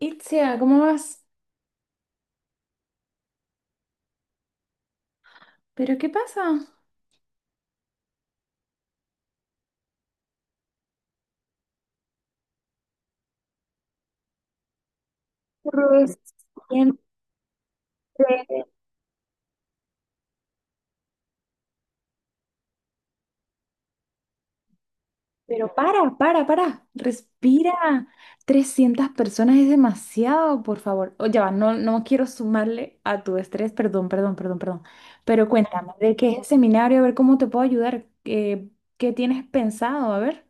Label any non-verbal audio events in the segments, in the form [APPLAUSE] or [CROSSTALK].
Itzia, ¿cómo vas? ¿Pero qué pasa? Pues, siempre. Pero para, respira. Trescientas personas es demasiado, por favor. Oye, va, no, no quiero sumarle a tu estrés, perdón, perdón, perdón, perdón. Pero cuéntame, ¿de qué es el seminario? A ver cómo te puedo ayudar. ¿Qué tienes pensado? A ver.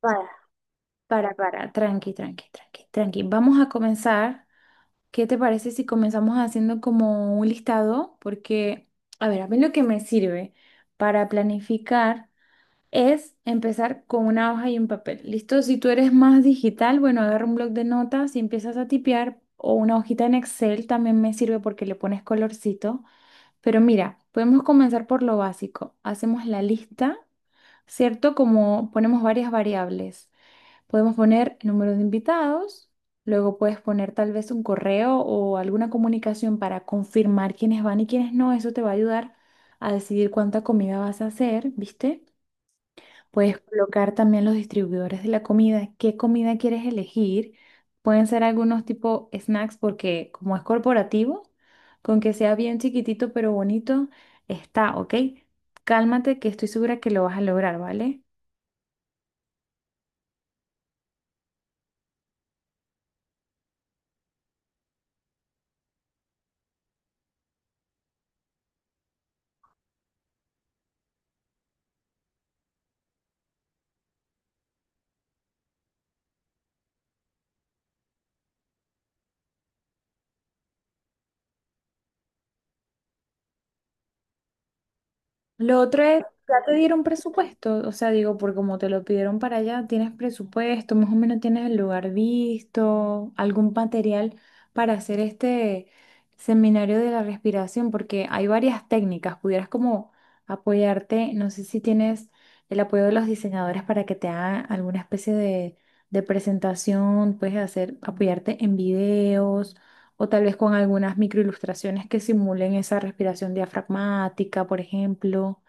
para, para, tranqui, tranqui, tranqui, tranqui. Vamos a comenzar. ¿Qué te parece si comenzamos haciendo como un listado? Porque, a ver, a mí lo que me sirve para planificar es empezar con una hoja y un papel. ¿Listo? Si tú eres más digital, bueno, agarra un bloc de notas y empiezas a tipear o una hojita en Excel también me sirve porque le pones colorcito. Pero mira, podemos comenzar por lo básico. Hacemos la lista, ¿cierto? Como ponemos varias variables. Podemos poner número de invitados, luego puedes poner tal vez un correo o alguna comunicación para confirmar quiénes van y quiénes no. Eso te va a ayudar a decidir cuánta comida vas a hacer, ¿viste? Puedes colocar también los distribuidores de la comida, qué comida quieres elegir. Pueden ser algunos tipo snacks porque como es corporativo, con que sea bien chiquitito pero bonito, está, ¿ok? Cálmate que estoy segura que lo vas a lograr, ¿vale? Lo otro es, ya te dieron presupuesto, o sea, digo, por como te lo pidieron para allá, tienes presupuesto, más o menos tienes el lugar visto, algún material para hacer este seminario de la respiración, porque hay varias técnicas, pudieras como apoyarte, no sé si tienes el apoyo de los diseñadores para que te hagan alguna especie de presentación, puedes hacer, apoyarte en videos o tal vez con algunas microilustraciones que simulen esa respiración diafragmática, por ejemplo.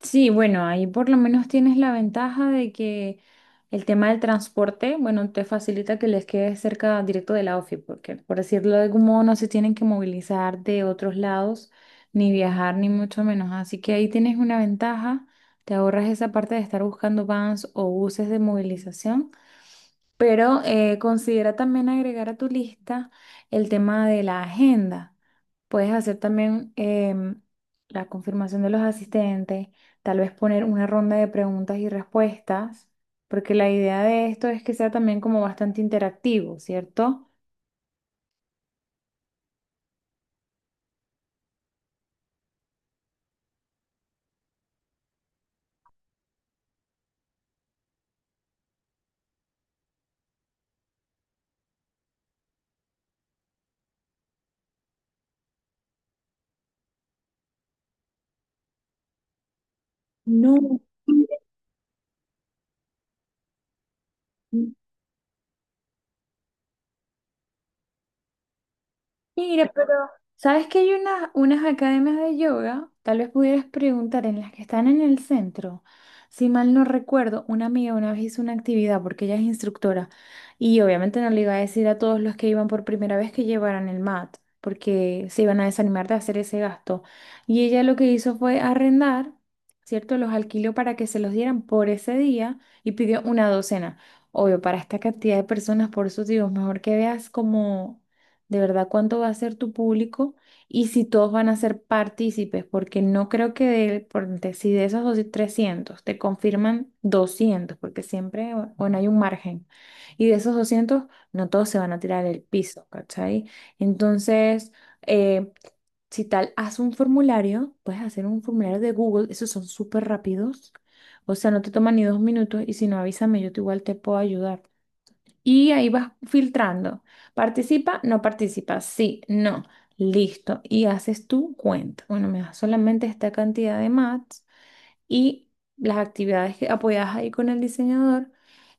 Sí, bueno, ahí por lo menos tienes la ventaja de que el tema del transporte, bueno, te facilita que les quede cerca directo de la OFI, porque por decirlo de algún modo no se tienen que movilizar de otros lados, ni viajar, ni mucho menos. Así que ahí tienes una ventaja, te ahorras esa parte de estar buscando vans o buses de movilización. Pero considera también agregar a tu lista el tema de la agenda. Puedes hacer también la confirmación de los asistentes, tal vez poner una ronda de preguntas y respuestas, porque la idea de esto es que sea también como bastante interactivo, ¿cierto? No. Mira, pero ¿sabes que hay unas academias de yoga? Tal vez pudieras preguntar en las que están en el centro. Si mal no recuerdo, una amiga una vez hizo una actividad porque ella es instructora y obviamente no le iba a decir a todos los que iban por primera vez que llevaran el mat porque se iban a desanimar de hacer ese gasto. Y ella lo que hizo fue arrendar, ¿cierto? Los alquiló para que se los dieran por ese día y pidió una docena. Obvio, para esta cantidad de personas, por eso digo, mejor que veas como de verdad cuánto va a ser tu público y si todos van a ser partícipes, porque no creo que de, por ejemplo, si de esos dos- 300 te confirman 200 porque siempre, bueno, hay un margen, y de esos 200 no todos se van a tirar el piso, ¿cachai? Entonces, eh, si tal, haz un formulario, puedes hacer un formulario de Google, esos son súper rápidos, o sea, no te toman ni dos minutos y si no, avísame, yo te igual te puedo ayudar. Y ahí vas filtrando. Participa, no participa, sí, no. Listo. Y haces tu cuenta. Bueno, me das solamente esta cantidad de mats y las actividades que apoyadas ahí con el diseñador.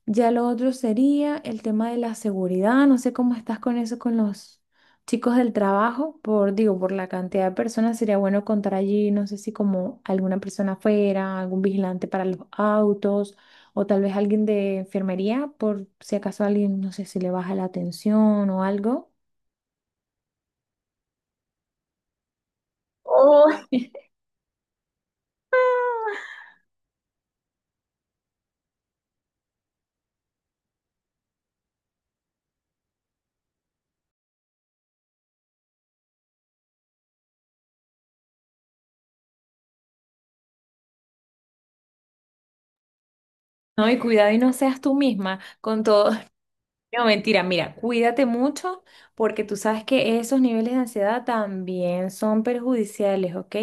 Ya lo otro sería el tema de la seguridad. No sé cómo estás con eso con los chicos del trabajo. Por, digo, por la cantidad de personas sería bueno contar allí, no sé si como alguna persona afuera, algún vigilante para los autos o tal vez alguien de enfermería por si acaso alguien, no sé si le baja la atención o algo. Oh, [LAUGHS] No, y cuidado y no seas tú misma con todo. No, mentira, mira, cuídate mucho porque tú sabes que esos niveles de ansiedad también son perjudiciales, ¿ok?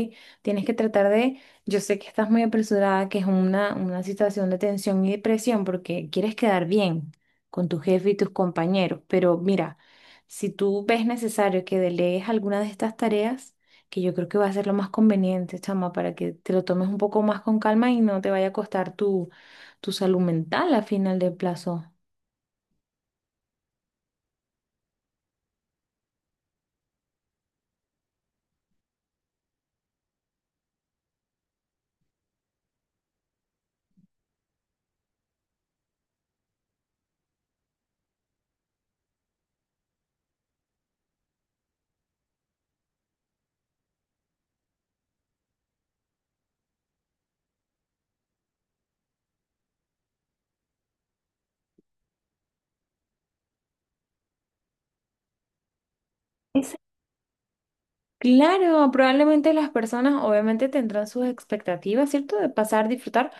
Tienes que tratar de, yo sé que estás muy apresurada, que es una situación de tensión y depresión porque quieres quedar bien con tu jefe y tus compañeros, pero mira, si tú ves necesario que delegues alguna de estas tareas, que yo creo que va a ser lo más conveniente, chama, para que te lo tomes un poco más con calma y no te vaya a costar tu, tu salud mental a final del plazo. Claro, probablemente las personas obviamente tendrán sus expectativas, ¿cierto? De pasar, disfrutar,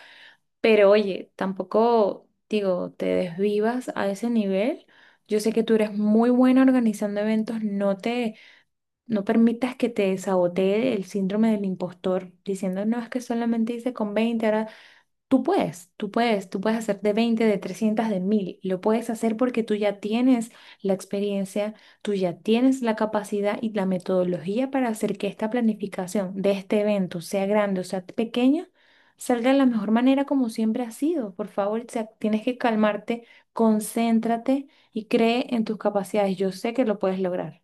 pero oye, tampoco, digo, te desvivas a ese nivel. Yo sé que tú eres muy buena organizando eventos, no te, no permitas que te sabotee el síndrome del impostor, diciendo, no, es que solamente hice con 20 ahora. Tú puedes, tú puedes, tú puedes hacer de 20, de 300, de 1000. Lo puedes hacer porque tú ya tienes la experiencia, tú ya tienes la capacidad y la metodología para hacer que esta planificación de este evento, sea grande o sea pequeña, salga de la mejor manera como siempre ha sido. Por favor, o sea, tienes que calmarte, concéntrate y cree en tus capacidades. Yo sé que lo puedes lograr.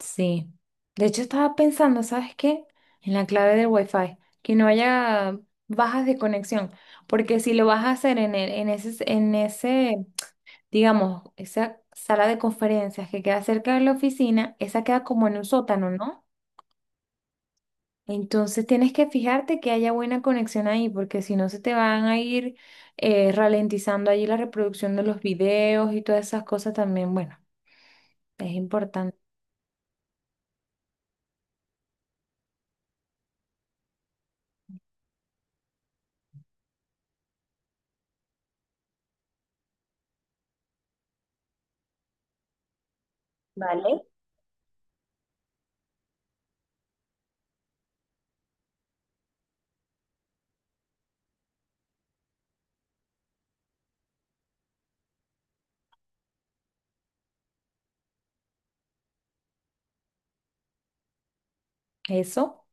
Sí. De hecho, estaba pensando, ¿sabes qué? En la clave del Wi-Fi, que no haya bajas de conexión, porque si lo vas a hacer en ese, digamos, esa sala de conferencias que queda cerca de la oficina, esa queda como en un sótano, ¿no? Entonces tienes que fijarte que haya buena conexión ahí, porque si no se te van a ir ralentizando allí la reproducción de los videos y todas esas cosas también. Bueno, es importante eso.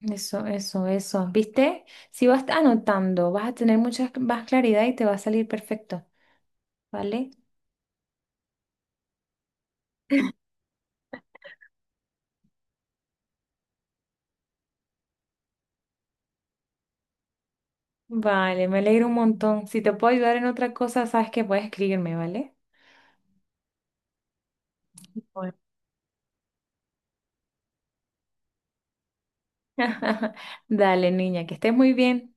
Eso, eso, eso. ¿Viste? Si vas anotando, vas a tener mucha más claridad y te va a salir perfecto, ¿vale? Vale, me alegro un montón. Si te puedo ayudar en otra cosa, sabes que puedes escribirme, ¿vale? Bueno. [LAUGHS] Dale, niña, que estés muy bien.